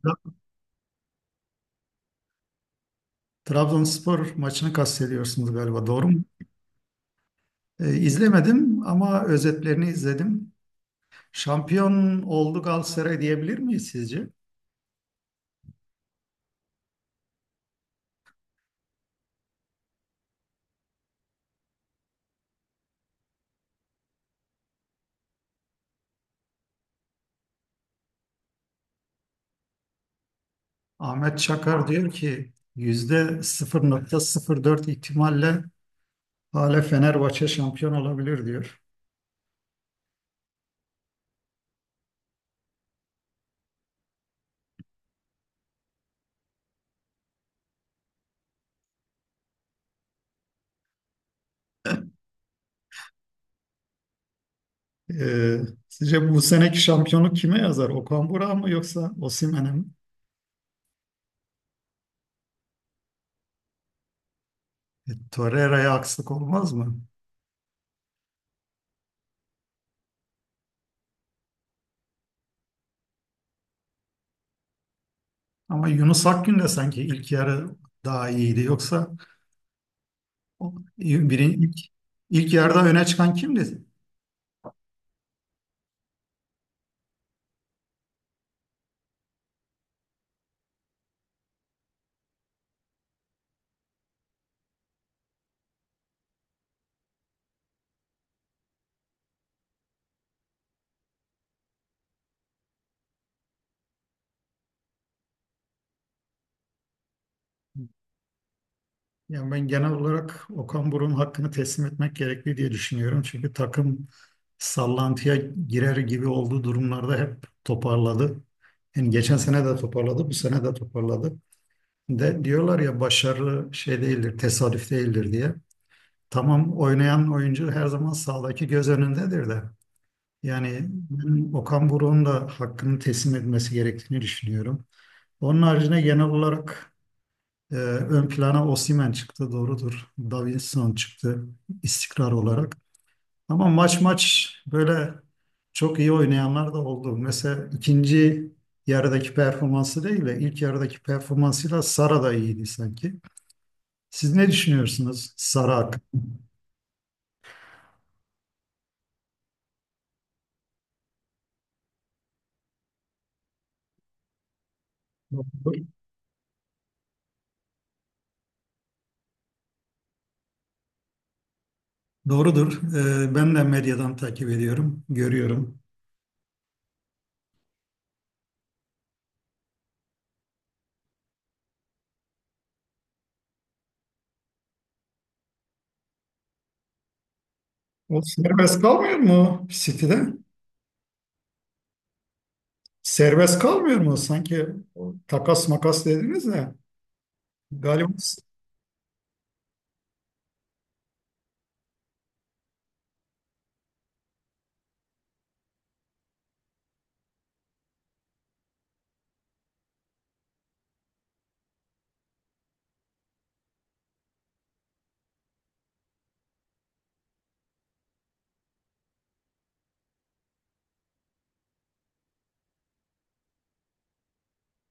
Tra- Trabzonspor maçını kastediyorsunuz galiba, doğru mu? İzlemedim ama özetlerini izledim. Şampiyon oldu Galatasaray diyebilir miyiz sizce? Ahmet Çakar diyor ki yüzde %0.04 ihtimalle hala Fenerbahçe şampiyon olabilir diyor. Ee, Sizce bu seneki şampiyonluk kime yazar? Okan Burak'a mı yoksa Osimhen'e mi? Torreira'ya akslık olmaz mı? Ama Yunus Akgün de sanki ilk yarı daha iyiydi. Yoksa birin ilk yarıda öne çıkan kimdi? Yani ben genel olarak Okan Buruk'un hakkını teslim etmek gerekli diye düşünüyorum. Çünkü takım sallantıya girer gibi olduğu durumlarda hep toparladı. Yani geçen sene de toparladı, bu sene de toparladı. De diyorlar ya başarılı şey değildir, tesadüf değildir diye. Tamam oynayan oyuncu her zaman sahadaki göz önündedir de. Yani ben Okan Buruk'un da hakkını teslim etmesi gerektiğini düşünüyorum. Onun haricinde genel olarak ön plana Osimhen çıktı doğrudur. Davinson çıktı istikrar olarak. Ama maç maç böyle çok iyi oynayanlar da oldu. Mesela ikinci yarıdaki performansı değil de ilk yarıdaki performansıyla Sara da iyiydi sanki. Siz ne düşünüyorsunuz Sara hakkında? Doğrudur. Doğrudur. Ben de medyadan takip ediyorum, görüyorum. O serbest kalmıyor mu City'de? Serbest kalmıyor mu? Sanki o takas makas dediniz de galiba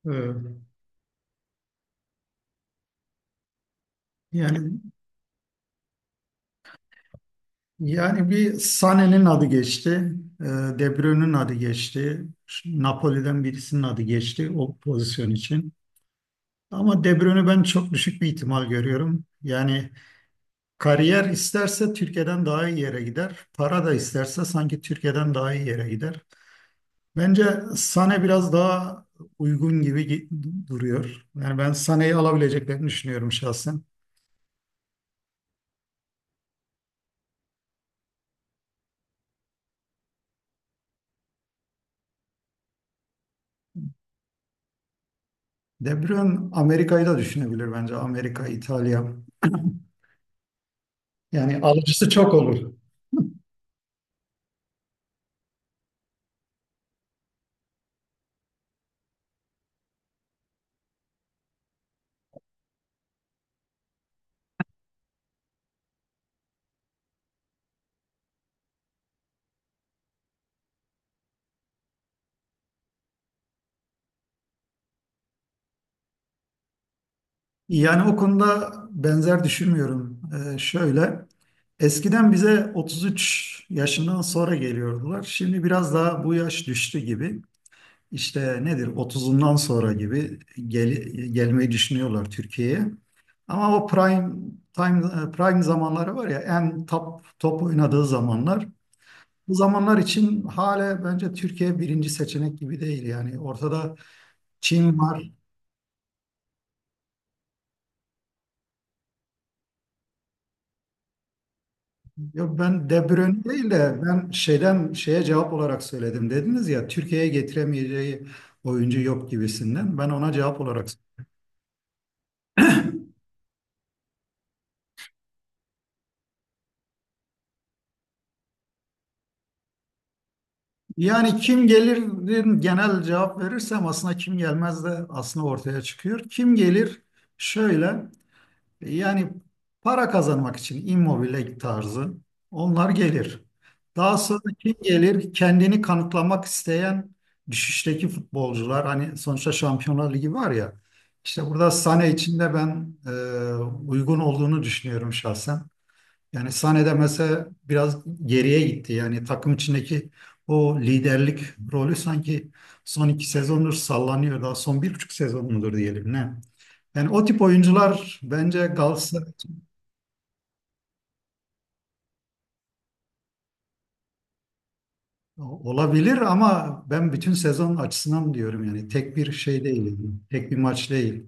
e, yani yani bir Sané'nin adı geçti, e, De Bruyne'nin adı geçti, Napoli'den birisinin adı geçti o pozisyon için. Ama De Bruyne'ü ben çok düşük bir ihtimal görüyorum. Yani kariyer isterse Türkiye'den daha iyi yere gider. Para da isterse sanki Türkiye'den daha iyi yere gider. Bence Sane biraz daha uygun gibi duruyor. Yani ben Sane'yi alabileceklerini düşünüyorum şahsen. De Bruyne Amerika'yı da düşünebilir bence. Amerika, İtalya. Yani alıcısı çok olur. Yani o konuda benzer düşünmüyorum. Şöyle, eskiden bize 33 yaşından sonra geliyordular. Şimdi biraz daha bu yaş düştü gibi. İşte nedir otuzundan sonra gibi gel, gelmeyi düşünüyorlar Türkiye'ye. Ama o prime time prime zamanları var ya en top top oynadığı zamanlar. Bu zamanlar için hala bence Türkiye birinci seçenek gibi değil yani. Ortada Çin var. Yok ben De Bruyne değil de ben şeyden şeye cevap olarak söyledim. Dediniz ya Türkiye'ye getiremeyeceği oyuncu yok gibisinden. Ben ona cevap olarak yani kim gelir genel cevap verirsem aslında kim gelmez de aslında ortaya çıkıyor. Kim gelir şöyle yani para kazanmak için immobile tarzı onlar gelir. Daha sonra kim gelir kendini kanıtlamak isteyen düşüşteki futbolcular hani sonuçta Şampiyonlar Ligi var ya işte burada Sané için de ben uygun olduğunu düşünüyorum şahsen. Yani sahnede mesela biraz geriye gitti. Yani takım içindeki o liderlik rolü sanki son iki sezondur sallanıyor. Daha son bir buçuk sezon mudur diyelim ne? Yani o tip oyuncular bence Galatasaray olabilir ama ben bütün sezon açısından diyorum yani tek bir şey değil, yani tek bir maç değil.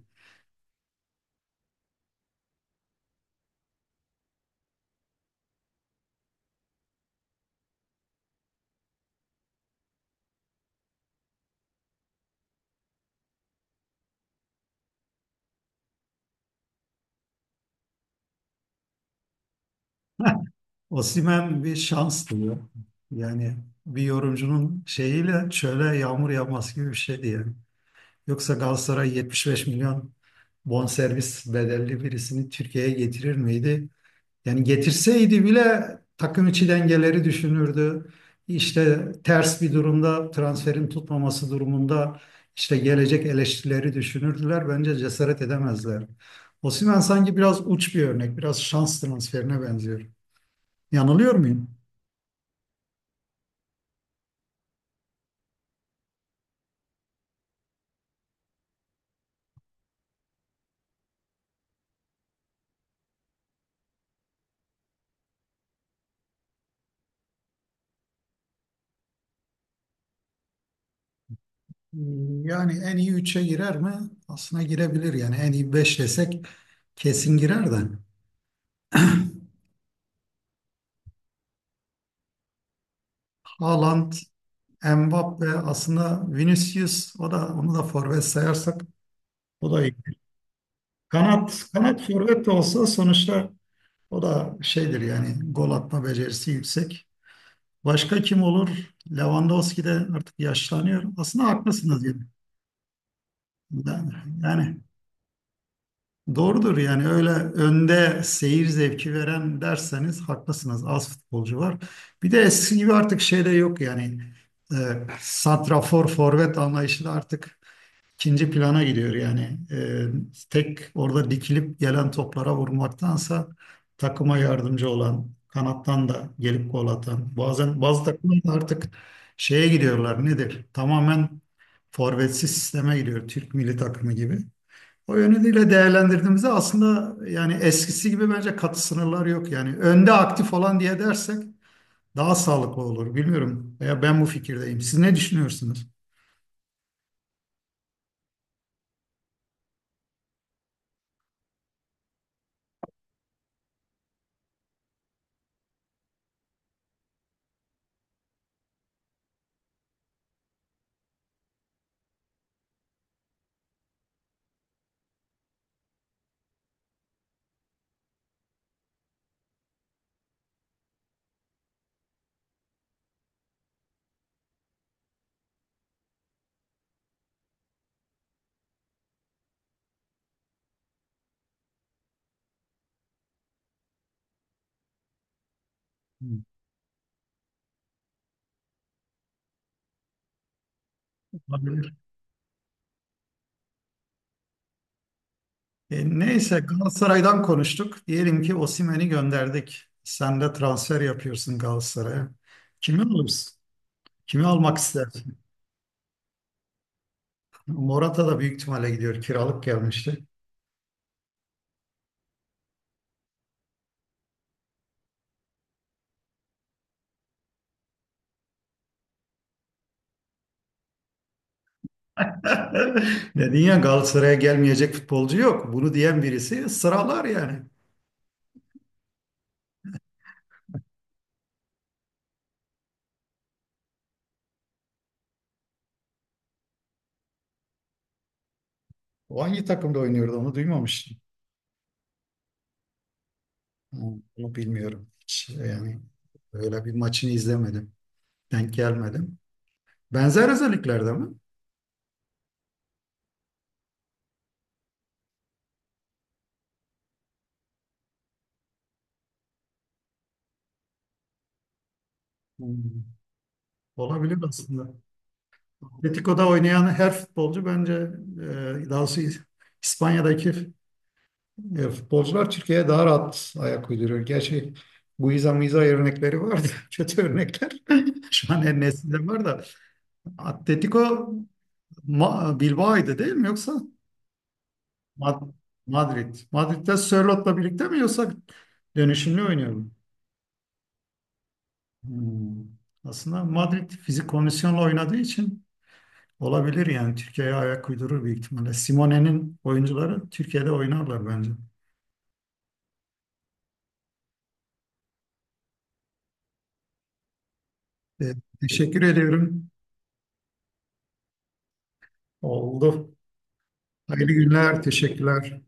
Osimhen bir şans diyor. Yani bir yorumcunun şeyiyle şöyle yağmur yağması gibi bir şeydi yani. Yoksa Galatasaray 75 milyon bonservis bedelli birisini Türkiye'ye getirir miydi? Yani getirseydi bile takım içi dengeleri düşünürdü. İşte ters bir durumda transferin tutmaması durumunda işte gelecek eleştirileri düşünürdüler. Bence cesaret edemezler. Osimhen sanki biraz uç bir örnek, biraz şans transferine benziyor. Yanılıyor muyum? Yani en iyi üçe girer mi? Aslına girebilir yani en iyi 5 desek kesin girer de. Haaland, Mbappe aslında Vinicius o da onu da forvet sayarsak o da iyi. Kanat kanat forvet de olsa sonuçta o da şeydir yani gol atma becerisi yüksek. Başka kim olur? Lewandowski de artık yaşlanıyor. Aslında haklısınız gibi. Yani, yani, doğrudur yani öyle önde seyir zevki veren derseniz haklısınız. Az futbolcu var. Bir de eski gibi artık şey de yok yani. E, Santrafor forvet anlayışı da artık ikinci plana gidiyor yani. Tek orada dikilip gelen toplara vurmaktansa takıma yardımcı olan, kanattan da gelip gol atan. Bazen bazı takımlar da artık şeye gidiyorlar nedir? Tamamen forvetsiz sisteme gidiyor Türk milli takımı gibi. O yönüyle değerlendirdiğimizde aslında yani eskisi gibi bence katı sınırlar yok. Yani önde aktif olan diye dersek daha sağlıklı olur. Bilmiyorum. Veya ben bu fikirdeyim. Siz ne düşünüyorsunuz? Olabilir. Neyse Galatasaray'dan konuştuk. Diyelim ki Osimhen'i gönderdik. Sen de transfer yapıyorsun Galatasaray'a. Kimi alırsın? Kimi almak istersin? Morata da büyük ihtimalle gidiyor. Kiralık gelmişti. Dedin ya Galatasaray'a gelmeyecek futbolcu yok. Bunu diyen birisi sıralar yani. O hangi takımda oynuyordu onu duymamıştım. Onu bilmiyorum. Hiç yani öyle bir maçını izlemedim. Denk gelmedim. Benzer özelliklerde mi? Hmm. Olabilir aslında. Atletico'da oynayan her futbolcu bence daha doğrusu İspanya'daki futbolcular Türkiye'ye daha rahat ayak uyduruyor. Gerçi Guiza Miza örnekleri vardı. Kötü örnekler. Şu an en nesilde var da. Atletico Bilbao'ydu değil mi yoksa Ma- Madrid? Madrid'de Sörlot'la birlikte mi yoksa dönüşümlü oynuyor mu? Hmm. Aslında Madrid fizik kondisyonla oynadığı için olabilir yani Türkiye'ye ayak uydurur büyük ihtimalle. Simone'nin oyuncuları Türkiye'de oynarlar bence. E, Teşekkür ediyorum. Oldu. Hayırlı günler. Teşekkürler.